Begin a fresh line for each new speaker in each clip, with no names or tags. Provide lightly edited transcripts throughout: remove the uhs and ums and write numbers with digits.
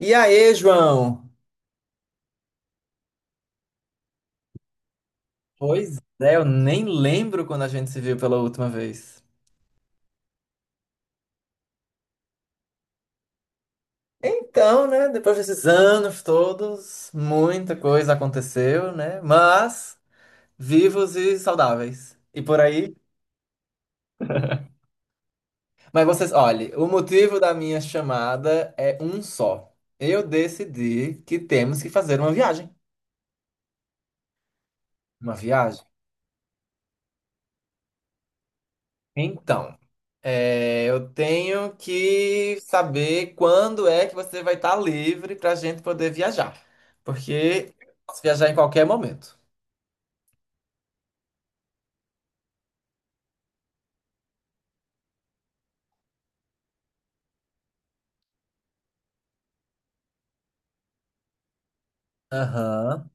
E aí, João? Pois é, eu nem lembro quando a gente se viu pela última vez. Então, né, depois desses anos todos, muita coisa aconteceu, né? Mas vivos e saudáveis. E por aí. Mas vocês, olhe, o motivo da minha chamada é um só. Eu decidi que temos que fazer uma viagem. Uma viagem. Então, eu tenho que saber quando é que você vai estar livre para a gente poder viajar. Porque eu posso viajar em qualquer momento. Aham,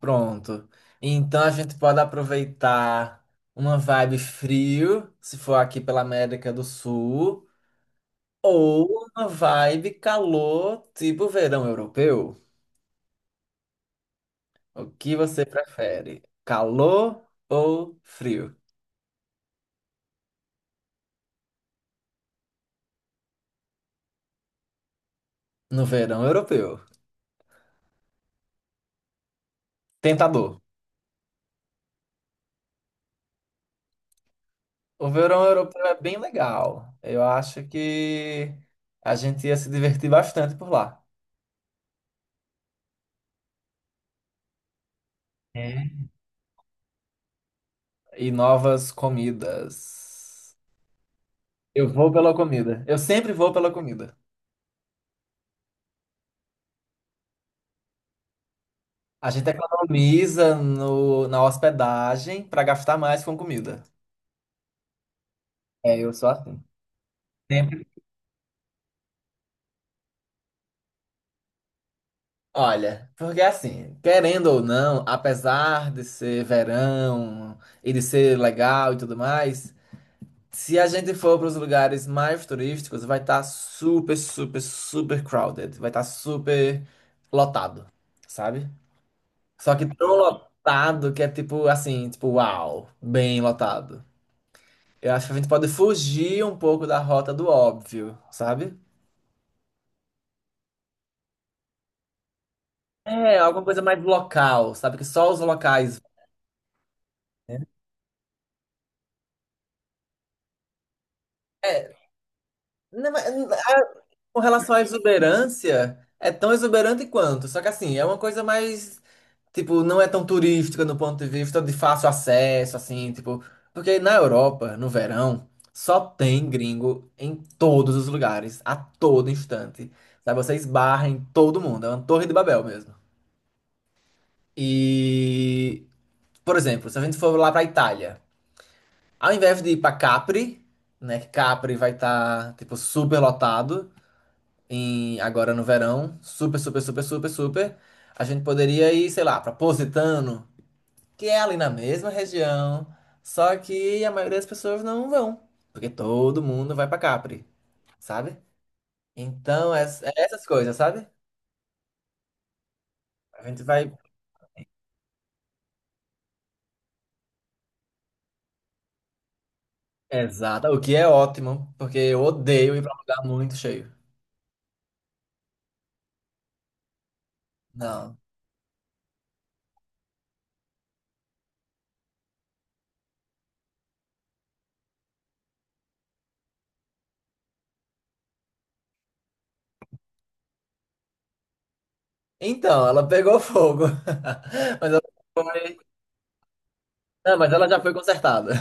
pronto. Então a gente pode aproveitar uma vibe frio, se for aqui pela América do Sul, ou uma vibe calor, tipo verão europeu. O que você prefere? Calor ou frio? No verão europeu. Tentador. O verão europeu é bem legal. Eu acho que a gente ia se divertir bastante por lá. É. E novas comidas. Eu vou pela comida. Eu sempre vou pela comida. A gente economiza no, na hospedagem para gastar mais com comida. É, eu sou assim. Sempre. Olha, porque assim, querendo ou não, apesar de ser verão e de ser legal e tudo mais, se a gente for para os lugares mais turísticos, vai estar super, super, super crowded. Vai estar super lotado, sabe? Só que tão lotado que é tipo assim, tipo, uau, bem lotado. Eu acho que a gente pode fugir um pouco da rota do óbvio, sabe? É, alguma coisa mais local, sabe? Que só os locais. É, não, mas Com relação à exuberância, é tão exuberante quanto. Só que assim, é uma coisa mais, tipo, não é tão turística no ponto de vista de fácil acesso, assim, tipo. Porque na Europa, no verão, só tem gringo em todos os lugares, a todo instante. Sabe, você esbarra em todo mundo, é uma torre de Babel mesmo. E, por exemplo, se a gente for lá pra Itália, ao invés de ir pra Capri, né, que Capri vai estar, tipo, super lotado. Agora no verão, super, super, super, super, super, a gente poderia ir, sei lá, para Positano, que é ali na mesma região, só que a maioria das pessoas não vão, porque todo mundo vai para Capri, sabe? Então, é essas coisas, sabe? A gente vai. Exato, o que é ótimo, porque eu odeio ir para lugar muito cheio. Não. Então, ela pegou fogo. Mas ela foi. Não, mas ela já foi consertada.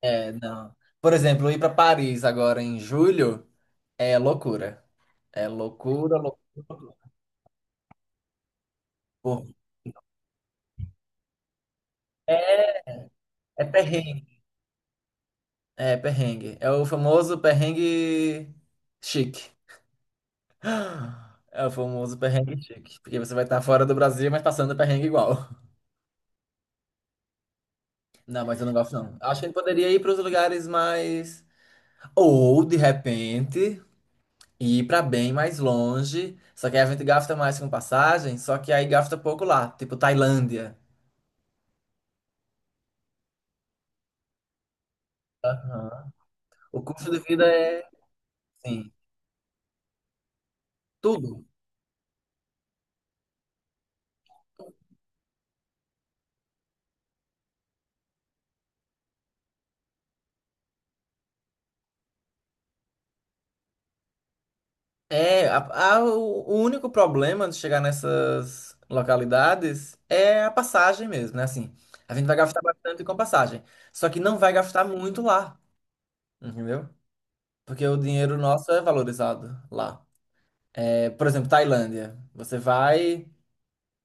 É, não. Por exemplo, ir para Paris agora em julho. É loucura. É loucura, loucura, loucura. Pô, é, é perrengue. É perrengue. É o famoso perrengue chique. É o famoso perrengue chique. Porque você vai estar fora do Brasil, mas passando perrengue igual. Não, mas eu não gosto, não. Acho que a gente poderia ir para os lugares mais. Ou, de repente, ir para bem mais longe. Só que aí a gente gasta mais com passagem, só que aí gasta pouco lá. Tipo Tailândia. Aham. O custo de vida é, sim, tudo. É, o único problema de chegar nessas localidades é a passagem mesmo, né? Assim, a gente vai gastar bastante com passagem, só que não vai gastar muito lá, entendeu? Porque o dinheiro nosso é valorizado lá. É, por exemplo, Tailândia, você vai,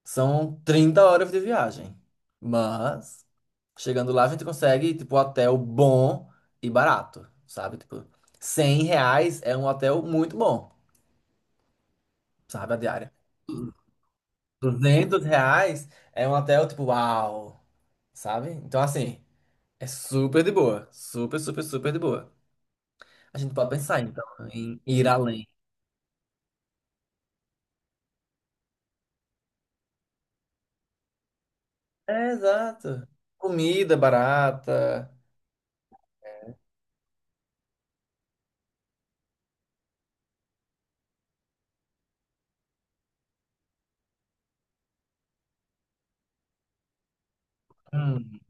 são 30 horas de viagem, mas chegando lá a gente consegue, tipo, hotel bom e barato, sabe? Tipo, 100 reais é um hotel muito bom, sabe? A diária. 200 reais é um hotel tipo, uau, sabe? Então, assim, é super de boa. Super, super, super de boa. A gente pode pensar, então, em ir além. É, exato. Comida barata. Hum.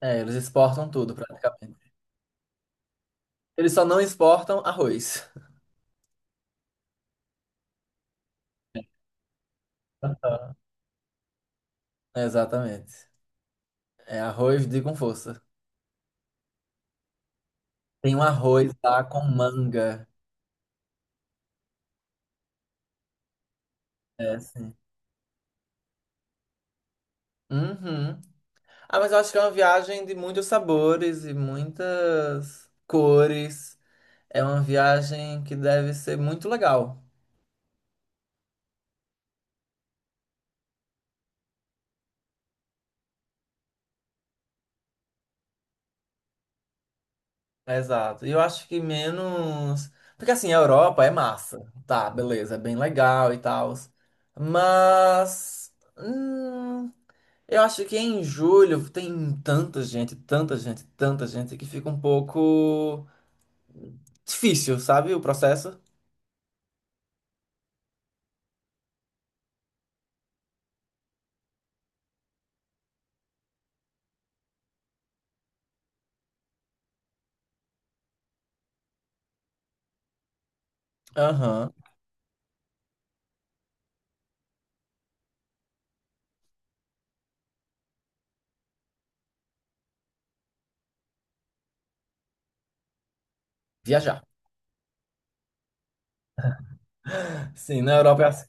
É, eles exportam tudo, praticamente. Eles só não exportam arroz. É, exatamente. É arroz de com força. Tem um arroz lá com manga. É, sim. Uhum. Ah, mas eu acho que é uma viagem de muitos sabores e muitas cores. É uma viagem que deve ser muito legal. Exato. E eu acho que menos. Porque assim, a Europa é massa. Tá, beleza, é bem legal e tal. Mas. hum, eu acho que em julho tem tanta gente, tanta gente, tanta gente que fica um pouco difícil, sabe? O processo. Aham. Viajar. Sim, na Europa é assim.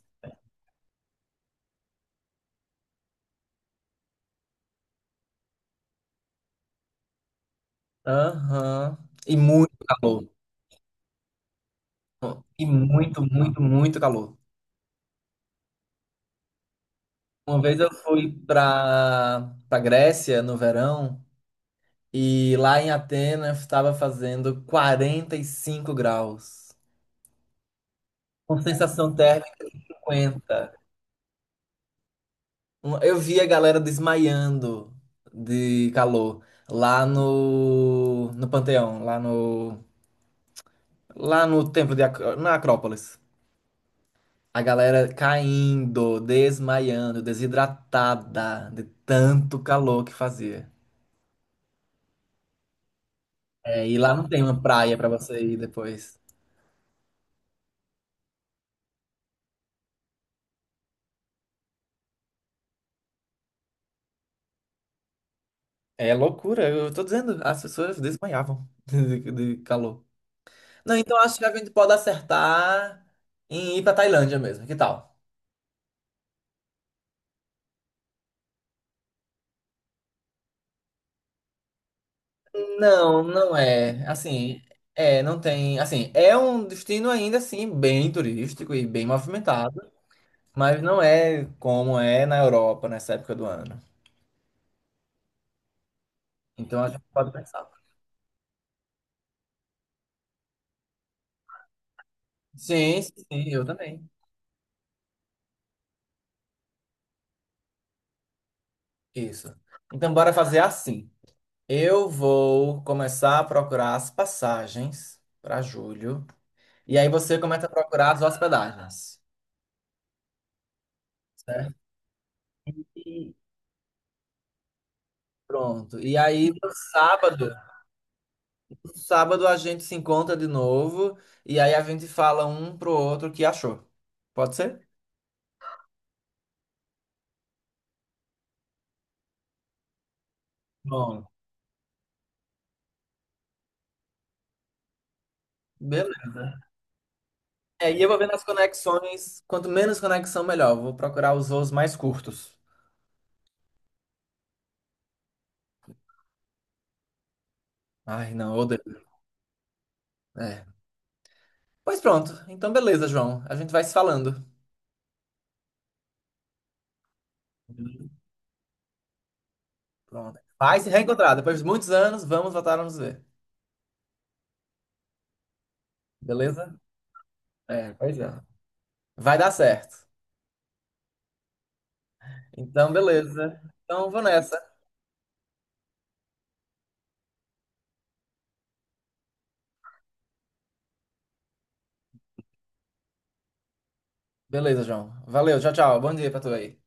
Aham. E muito calor. E muito, muito, muito calor. Uma vez eu fui para Grécia no verão e lá em Atenas estava fazendo 45 graus, com sensação térmica 50. Eu vi a galera desmaiando de calor lá no Panteão, lá no templo de na Acrópolis. A galera caindo, desmaiando, desidratada de tanto calor que fazia. É, e lá não tem uma praia pra você ir depois. É loucura, eu tô dizendo, as pessoas desmaiavam de calor. Não, então acho que a gente pode acertar em ir pra Tailândia mesmo, que tal? Não, não é. Assim, não tem. Assim, é um destino ainda assim bem turístico e bem movimentado, mas não é como é na Europa nessa época do ano. Então a gente pode pensar. Sim, sim, eu também. Isso. Então bora fazer assim. Eu vou começar a procurar as passagens para julho. E aí você começa a procurar as hospedagens. Certo? E pronto. E aí no sábado, no sábado a gente se encontra de novo e aí a gente fala um pro outro o que achou. Pode ser? Bom, beleza. É, e eu vou vendo as conexões. Quanto menos conexão, melhor. Eu vou procurar os voos mais curtos. Ai, não, odeio. É. Pois pronto. Então, beleza, João. A gente vai se falando. Pronto. Vai se reencontrar. Depois de muitos anos, vamos voltar a nos ver. Beleza? É, pois é. Vai dar certo. Então, beleza. Então, vou nessa. Beleza, João. Valeu. Tchau, tchau. Bom dia pra tu aí.